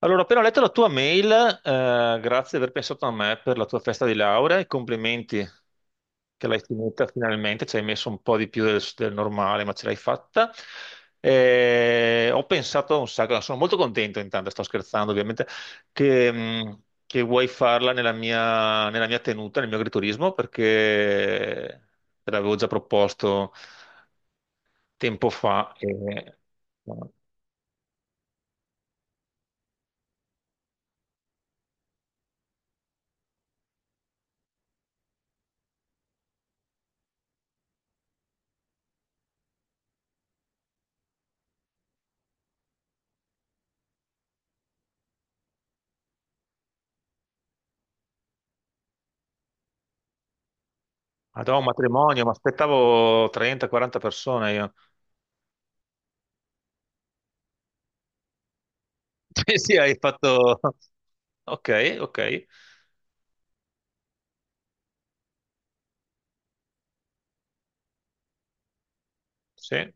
Allora, ho appena letto la tua mail, grazie di aver pensato a me per la tua festa di laurea e complimenti che l'hai finita finalmente, ci hai messo un po' di più del normale, ma ce l'hai fatta. Ho pensato un sacco, sono molto contento intanto, sto scherzando ovviamente, che vuoi farla nella mia tenuta, nel mio agriturismo, perché te l'avevo già proposto tempo fa. Madonna, un matrimonio, ma aspettavo 30-40 persone, io. Sì, sì, hai fatto. Ok, ok. Sì.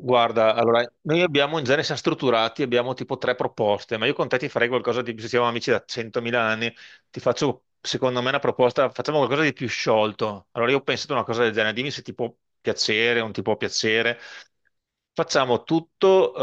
Guarda, allora, noi abbiamo, in genere siamo strutturati, abbiamo tipo tre proposte, ma io con te ti farei qualcosa di più, se siamo amici da 100.000 anni, ti faccio, secondo me, una proposta, facciamo qualcosa di più sciolto. Allora, io ho pensato a una cosa del genere, dimmi se ti può piacere, o non ti può piacere. Facciamo tutto,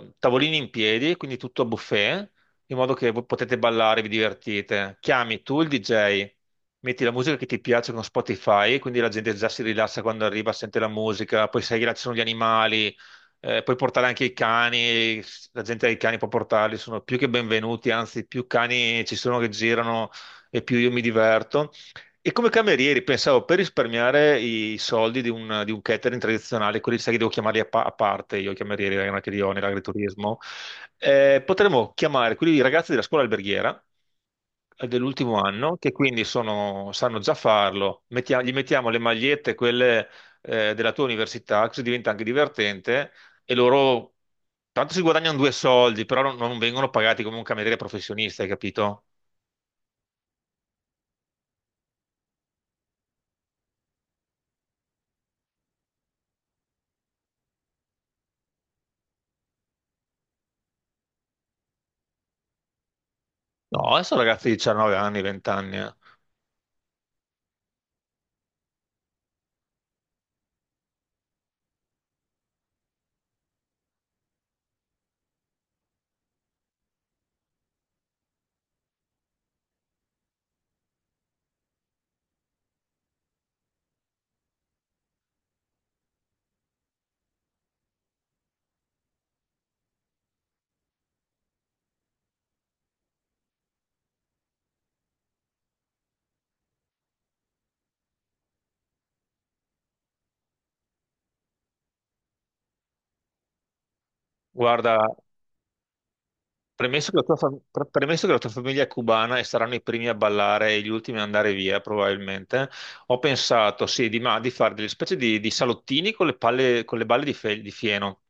tavolini in piedi, quindi tutto a buffet, in modo che voi potete ballare, vi divertite. Chiami tu il DJ, metti la musica che ti piace con Spotify, quindi la gente già si rilassa quando arriva, sente la musica, poi sai che là ci sono gli animali, puoi portare anche i cani, la gente ha i cani può portarli, sono più che benvenuti, anzi più cani ci sono che girano e più io mi diverto. E come camerieri pensavo per risparmiare i soldi di un catering tradizionale, quelli sai che devo chiamarli a parte, io i camerieri, non è che li ho nell'agriturismo, potremmo chiamare quelli ragazzi della scuola alberghiera dell'ultimo anno, che quindi sanno già farlo. Gli mettiamo le magliette, quelle della tua università, così diventa anche divertente e loro tanto si guadagnano due soldi, però non vengono pagati come un cameriere professionista, hai capito? No, adesso ragazzi di 19 anni, 20 anni, eh. Guarda. Premesso che la tua famiglia è cubana e saranno i primi a ballare e gli ultimi ad andare via, probabilmente, ho pensato sì, di fare delle specie di salottini con le balle di fieno.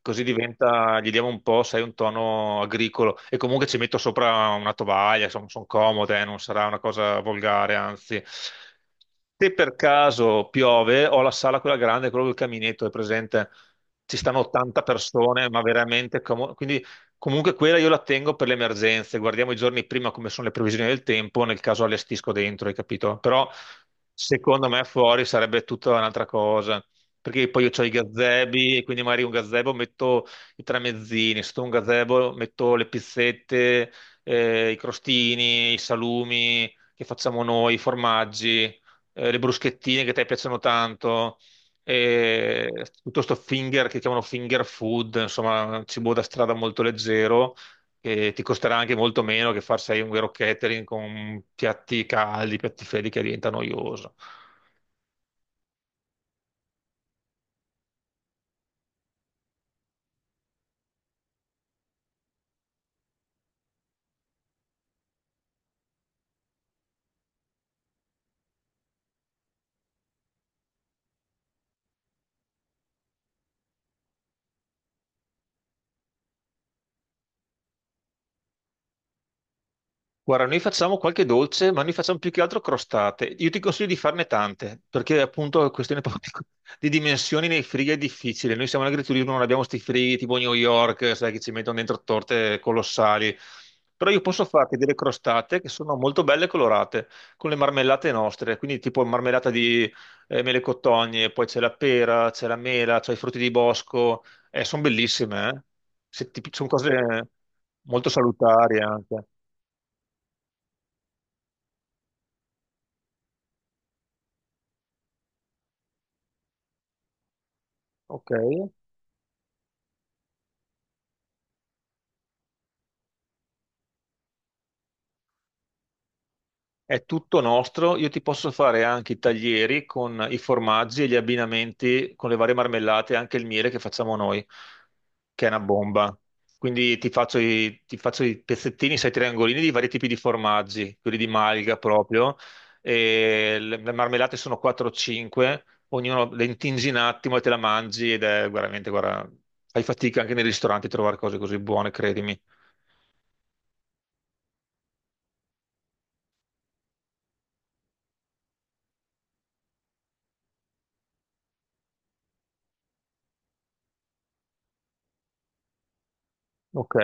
Così diventa, gli diamo un po', sai, un tono agricolo. E comunque ci metto sopra una tovaglia, sono, comode, non sarà una cosa volgare, anzi. Se per caso piove, ho la sala quella grande, quello del caminetto, è presente? Ci stanno 80 persone, ma veramente comodo. Comunque quella io la tengo per le emergenze, guardiamo i giorni prima come sono le previsioni del tempo, nel caso allestisco dentro, hai capito? Però secondo me fuori sarebbe tutta un'altra cosa, perché poi io ho i gazebi e quindi magari un gazebo metto i tramezzini, sotto un gazebo metto le pizzette, i crostini, i salumi che facciamo noi, i formaggi, le bruschettine che a te piacciono tanto e tutto sto finger che chiamano finger food, insomma, cibo da strada molto leggero, che ti costerà anche molto meno che farsi un vero catering con piatti caldi, piatti freddi che diventa noioso. Guarda, noi facciamo qualche dolce, ma noi facciamo più che altro crostate. Io ti consiglio di farne tante, perché appunto è questione proprio di dimensioni nei frighi è difficile. Noi siamo in agriturismo, non abbiamo sti frighi tipo New York, sai, che ci mettono dentro torte colossali. Però io posso farti delle crostate che sono molto belle e colorate, con le marmellate nostre, quindi tipo marmellata di mele cotogne, poi c'è la pera, c'è la mela, c'è i frutti di bosco. Sono bellissime, eh? Se ti- Sono cose molto salutari anche. Ok. È tutto nostro, io ti posso fare anche i taglieri con i formaggi e gli abbinamenti con le varie marmellate, e anche il miele che facciamo noi, che è una bomba. Quindi ti faccio i pezzettini, sai, triangolini di vari tipi di formaggi, quelli di malga proprio, e le marmellate sono 4 o 5, ognuno le intingi un attimo e te la mangi ed è veramente, guarda, fai fatica anche nei ristoranti a trovare cose così buone, credimi. Ok.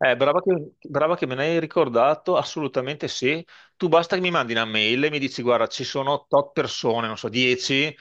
Brava che me ne hai ricordato, assolutamente sì. Tu basta che mi mandi una mail e mi dici, guarda, ci sono tot persone, non so, 10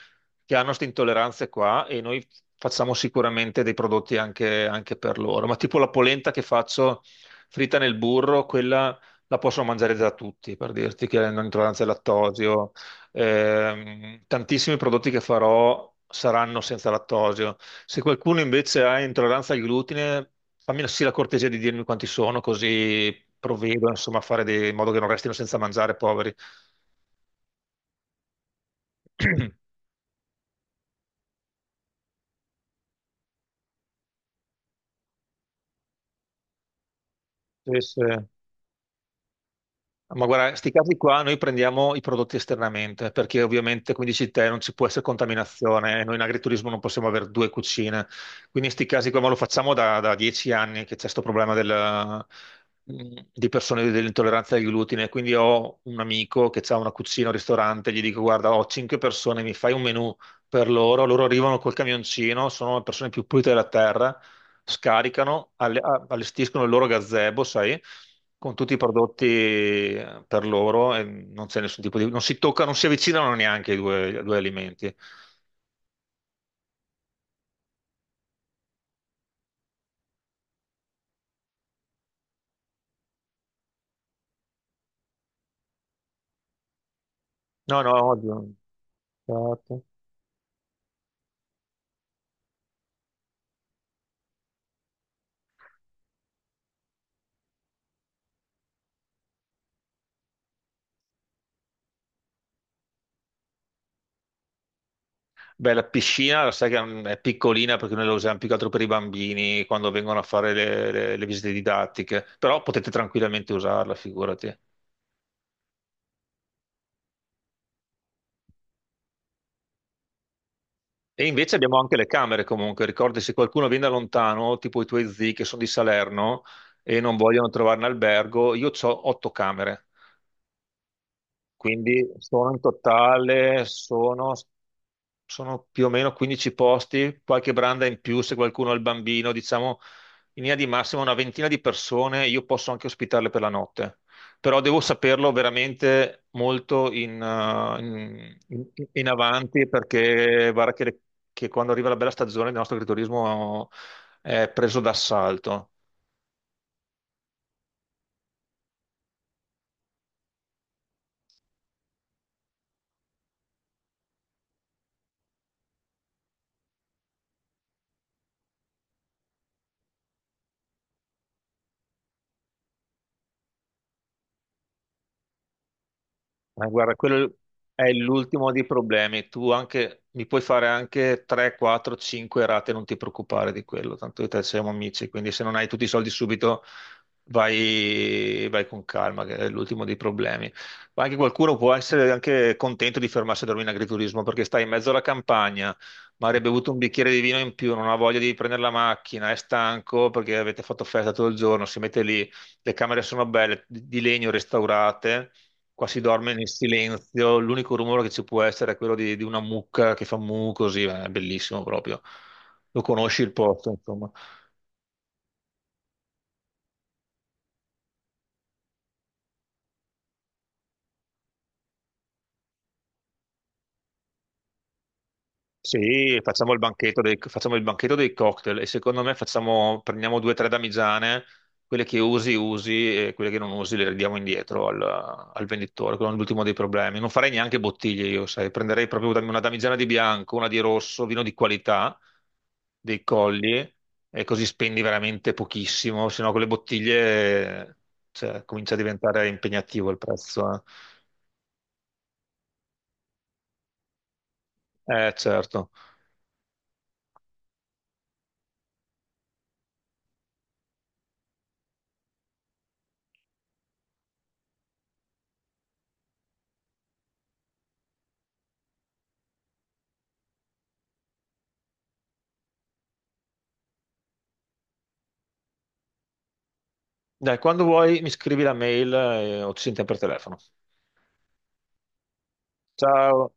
che hanno queste intolleranze qua e noi facciamo sicuramente dei prodotti anche per loro. Ma tipo la polenta che faccio fritta nel burro, quella la possono mangiare già tutti, per dirti che hanno intolleranza al lattosio. Tantissimi prodotti che farò saranno senza lattosio. Se qualcuno invece ha intolleranza al glutine, fammi sì la cortesia di dirmi quanti sono, così provvedo, insomma, a fare in modo che non restino senza mangiare, poveri. Sì, sì. Ma guarda, sti casi qua noi prendiamo i prodotti esternamente, perché ovviamente, come dici te, non ci può essere contaminazione, e noi in agriturismo non possiamo avere due cucine. Quindi in sti casi qua, ma lo facciamo da 10 anni che c'è questo problema di persone dell'intolleranza al glutine. Quindi ho un amico che ha una cucina, un ristorante, gli dico, guarda, ho cinque persone, mi fai un menù per loro, loro arrivano col camioncino, sono le persone più pulite della terra, scaricano, allestiscono il loro gazebo, sai, con tutti i prodotti per loro e non c'è nessun tipo di. Non si toccano, non si avvicinano neanche i due alimenti. No, no, odio. Esatto. Beh, la piscina, sai che è piccolina perché noi la usiamo più che altro per i bambini quando vengono a fare le visite didattiche, però potete tranquillamente usarla, figurati. E invece abbiamo anche le camere comunque, ricordi se qualcuno viene da lontano, tipo i tuoi zii che sono di Salerno e non vogliono trovare un albergo, io ho otto camere, quindi sono in totale, sono più o meno 15 posti, qualche branda in più se qualcuno ha il bambino, diciamo in linea di massima una ventina di persone, io posso anche ospitarle per la notte, però devo saperlo veramente molto in avanti perché guarda che quando arriva la bella stagione il nostro agriturismo è preso d'assalto. Ma guarda, quello è l'ultimo dei problemi. Tu anche, mi puoi fare anche 3, 4, 5 rate, non ti preoccupare di quello, tanto io e te siamo amici, quindi se non hai tutti i soldi subito vai, vai con calma, che è l'ultimo dei problemi. Ma anche qualcuno può essere anche contento di fermarsi a dormire in agriturismo perché stai in mezzo alla campagna, magari hai bevuto un bicchiere di vino in più, non ha voglia di prendere la macchina, è stanco perché avete fatto festa tutto il giorno, si mette lì, le camere sono belle, di legno restaurate. Qua si dorme nel silenzio, l'unico rumore che ci può essere è quello di una mucca che fa mu così, è bellissimo proprio. Lo conosci il posto? Sì, facciamo il banchetto dei cocktail e secondo me prendiamo due o tre damigiane, quelle che usi usi e quelle che non usi le ridiamo indietro al venditore, quello è l'ultimo dei problemi. Non farei neanche bottiglie io, sai, prenderei proprio una damigiana di bianco, una di rosso, vino di qualità, dei colli e così spendi veramente pochissimo, se no con le bottiglie, cioè, comincia a diventare impegnativo il prezzo. Eh. Certo. Dai, quando vuoi mi scrivi la mail o ci sentiamo per telefono. Ciao.